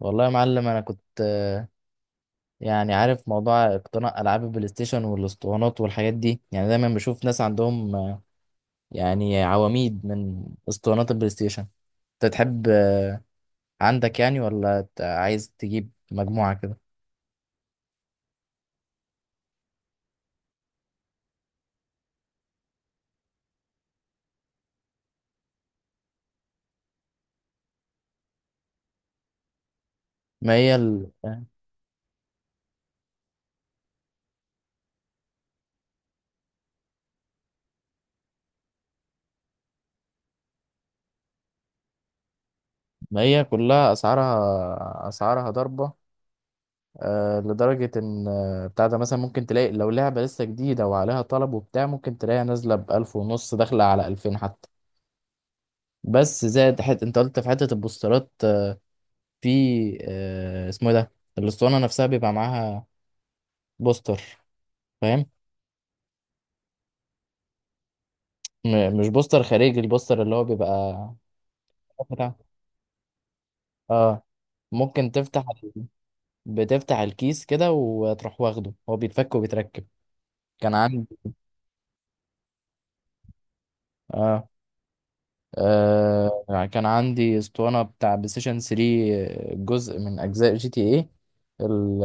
والله يا معلم، انا كنت يعني عارف موضوع اقتناء العاب البلاي ستيشن والاسطوانات والحاجات دي. يعني دايما بشوف ناس عندهم يعني عواميد من اسطوانات البلاي ستيشن. انت تحب عندك يعني، ولا عايز تجيب مجموعة كده؟ ما هي ما هي كلها اسعارها اسعارها ضربة، لدرجة ان بتاع ده مثلا ممكن تلاقي لو لعبة لسه جديدة وعليها طلب وبتاع، ممكن تلاقيها نازلة بألف ونص، داخلة على ألفين حتى. بس زائد انت قلت في حتة البوسترات، في اسمه إيه ده، الاسطوانه نفسها بيبقى معاها بوستر، فاهم؟ مش بوستر خارجي، البوستر اللي هو بيبقى بتاع، اه ممكن تفتح، بتفتح الكيس كده وتروح واخده، هو بيتفك وبيتركب. كان عندي، اه يعني كان عندي اسطوانة بتاع بلاي ستيشن 3، جزء من أجزاء جي تي ايه. ال-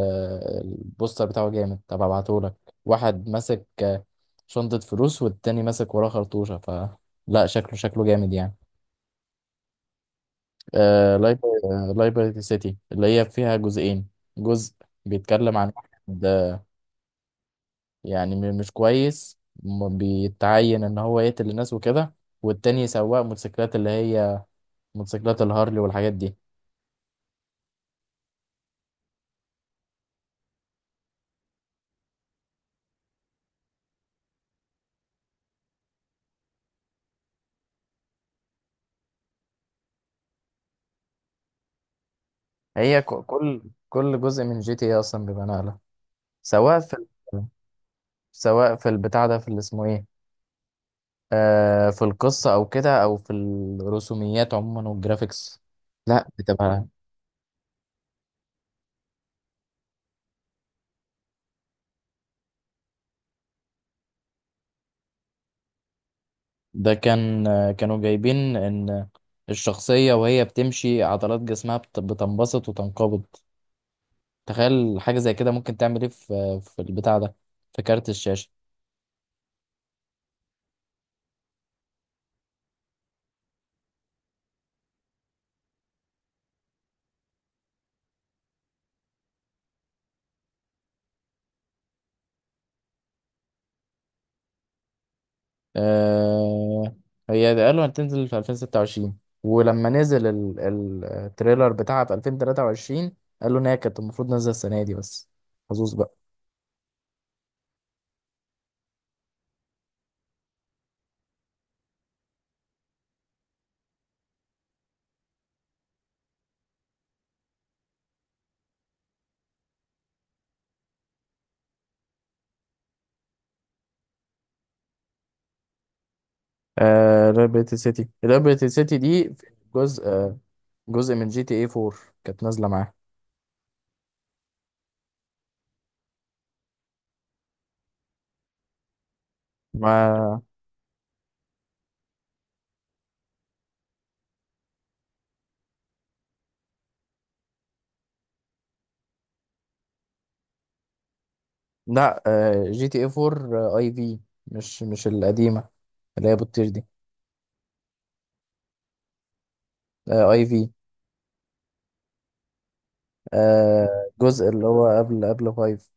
البوستر بتاعه جامد، طب هبعتهولك. واحد ماسك شنطة فلوس، والتاني ماسك وراه خرطوشة، ف لا، شكله شكله جامد يعني. آه لايبرتي سيتي، اللي هي فيها جزئين. جزء بيتكلم عن واحد يعني مش كويس، بيتعين ان هو يقتل الناس وكده، والتاني سواق موتوسيكلات، اللي هي موتوسيكلات الهارلي والحاجات دي. هي كل جزء من جي تي اي اصلا بيبقى نقله، سواء في ال- سواء في البتاع ده، في اللي اسمه ايه، في القصه او كده، او في الرسوميات عموما والجرافيكس. لا بتبقى، ده كان كانوا جايبين ان الشخصيه وهي بتمشي، عضلات جسمها بتنبسط وتنقبض. تخيل حاجه زي كده ممكن تعمل ايه في البتاع ده، في كارت الشاشه. آه هي قالوا هتنزل في 2026، ولما نزل التريلر بتاعها في 2023، قالوا ان هي كانت المفروض نازله السنه دي، بس حظوظ بقى. ليبرتي سيتي، ليبرتي سيتي دي جزء، جزء من جي تي اي 4، كانت نازله معاها. ما لا، جي تي اي 4 اي في، مش القديمه اللي هي بتطير دي. اي في، آه، جزء اللي هو قبل 5.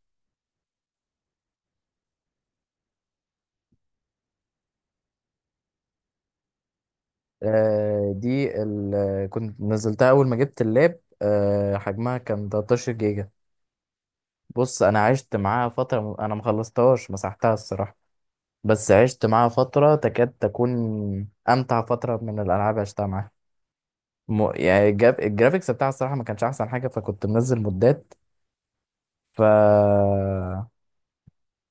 آه، دي ال... كنت نزلتها اول ما جبت اللاب، حجمها كان 13 جيجا. بص، انا عشت معاها فتره، انا ما خلصتهاش، مسحتها الصراحه. بس عشت معاها فتره تكاد تكون امتع فتره من الالعاب عشتها معاها. الجرافيكس بتاعها الصراحه ما كانش احسن حاجه، فكنت منزل مدات. ف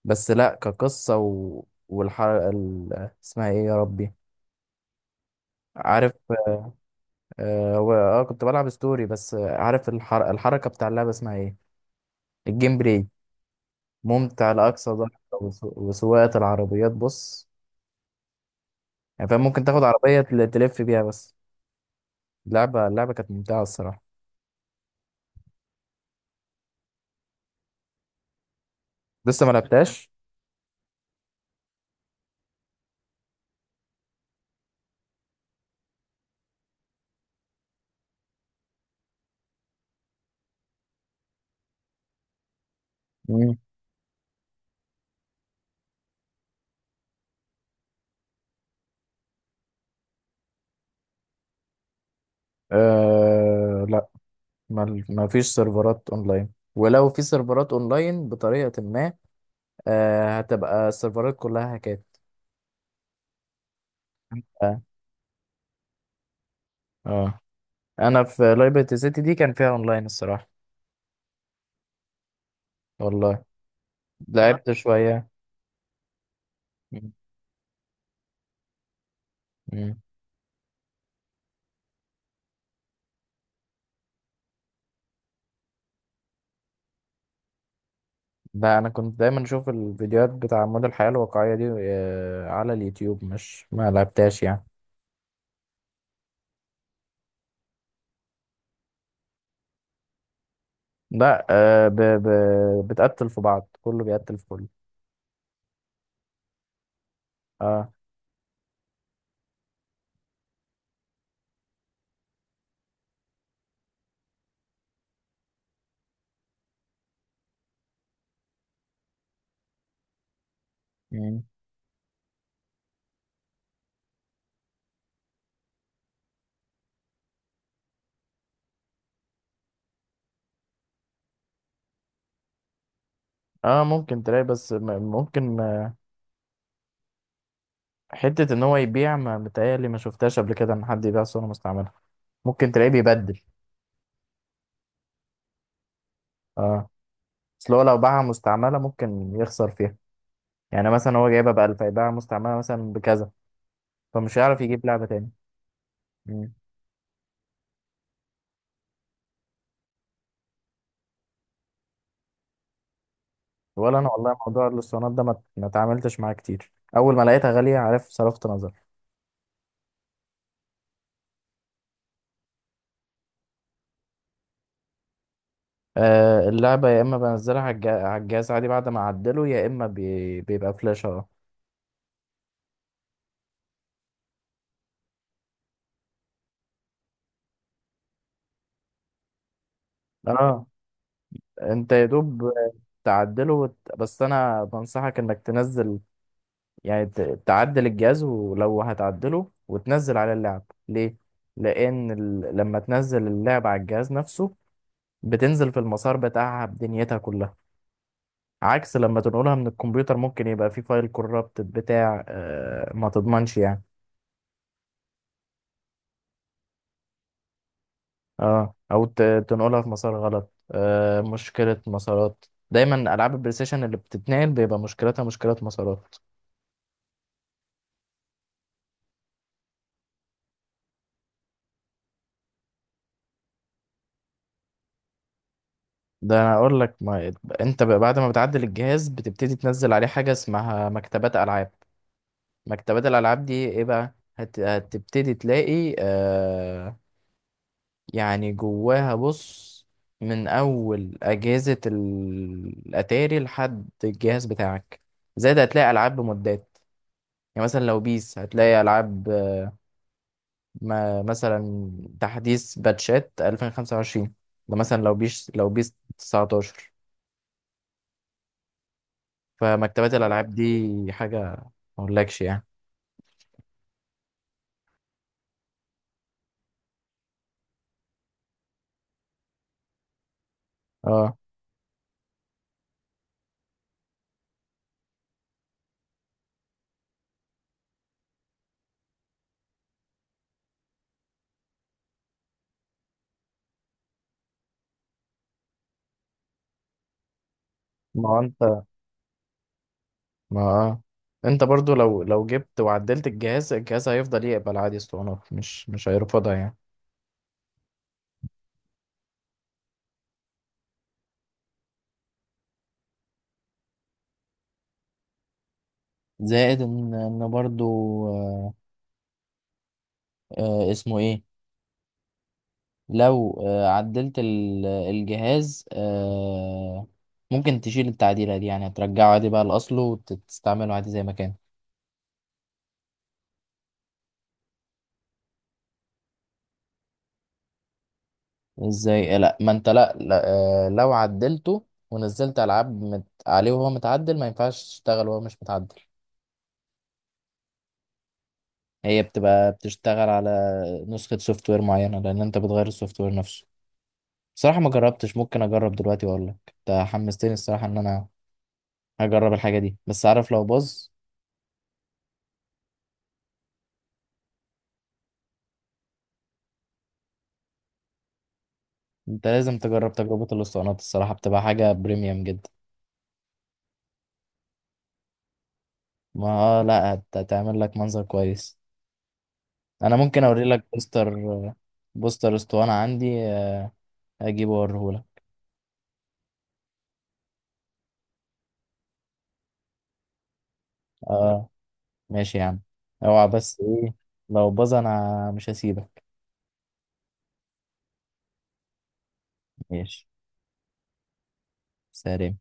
بس لا، كقصه والحر ال... اسمها ايه يا ربي، عارف، كنت بلعب ستوري بس. عارف الحركه بتاع اللعبه اسمها ايه، الجيم بلاي، ممتع لأقصى درجة. وسواقة العربيات، بص، يعني فاهم، ممكن تاخد عربية تلف بيها بس. اللعبة اللعبة كانت ممتعة الصراحة. لسه ما لعبتهاش. مم. لا، ما فيش سيرفرات اونلاين، ولو في سيرفرات اونلاين بطريقة ما، هتبقى السيرفرات كلها هاكات. اه. آه. انا في لايبرتي سيتي دي كان فيها اونلاين الصراحة. والله، لعبت شوية. مم. ده انا كنت دايما اشوف الفيديوهات بتاع مود الحياة الواقعية دي على اليوتيوب، مش ما لعبتهاش يعني. لا، بتقتل في بعض، كله بيقتل في كله. اه. مم. اه ممكن تلاقي، بس ممكن حتة ان هو يبيع، ما متهيألي ما شفتهاش قبل كده ان حد يبيع صورة مستعملة. ممكن تلاقيه بيبدل. اه، اصل هو لو باعها مستعملة ممكن يخسر فيها. يعني مثلا هو جايبها بألف، هيبيعها مستعملة مثلا بكذا، فمش هيعرف يجيب لعبة تاني. ولا انا والله موضوع الاسطوانات ده ما اتعاملتش معاه كتير، اول ما لقيتها غاليه، عارف، صرفت نظر. اللعبه يا اما بنزلها على على الجهاز عادي بعد ما اعدله، يا اما بيبقى فلاش، اه انت يا دوب تعدله بس انا بنصحك انك تنزل، يعني تعدل الجهاز، ولو هتعدله وتنزل على اللعب ليه؟ لان لما تنزل اللعب على الجهاز نفسه، بتنزل في المسار بتاعها بدنيتها كلها، عكس لما تنقلها من الكمبيوتر، ممكن يبقى في فايل كورابت بتاع ما تضمنش يعني. اه، تنقلها في مسار غلط، مشكلة مسارات. دايما العاب البلاي ستيشن اللي بتتنقل بيبقى مشكلتها مشكلة مسارات. ده انا اقول لك، ما انت بقى بعد ما بتعدل الجهاز، بتبتدي تنزل عليه حاجة اسمها مكتبات العاب. مكتبات الالعاب دي ايه بقى، هتبتدي تلاقي يعني جواها، بص، من اول اجهزة الاتاري لحد الجهاز بتاعك، زائد هتلاقي العاب بمدات. يعني مثلا لو بيس، هتلاقي العاب ما مثلا تحديث باتشات 2025. ده مثلا لو بيس، لو بيس 19. فمكتبات الالعاب دي حاجة ما اقولكش يعني. اه. ما هو انت، ما اه، انت برضو لو جبت وعدلت الجهاز، الجهاز هيفضل يقبل عادي اسطوانات، مش هيرفضها يعني. زائد ان برضو، آه، اسمه ايه، لو عدلت الجهاز ممكن تشيل التعديلة دي، يعني هترجعه عادي بقى لأصله وتستعمله عادي زي ما كان. ازاي؟ لا، ما انت، لا، لا، لو عدلته ونزلت ألعاب عليه وهو متعدل، ما ينفعش تشتغل وهو مش متعدل. هي بتبقى بتشتغل على نسخة سوفت وير معينة، لأن انت بتغير السوفت وير نفسه. بصراحة ما جربتش، ممكن أجرب دلوقتي وأقول لك، انت حمستني الصراحة إن أنا هجرب الحاجة دي، بس عارف لو باظ. انت لازم تجرب، تجربة الاسطوانات الصراحة بتبقى حاجة بريميوم جدا. ما آه لا، هتعمل لك منظر كويس. انا ممكن اوري لك بوستر، بوستر اسطوانة عندي، اجيبه اوريه لك. اه، ماشي يا عم. اوعى بس ايه، لو باظ انا مش هسيبك. ماشي. سلام.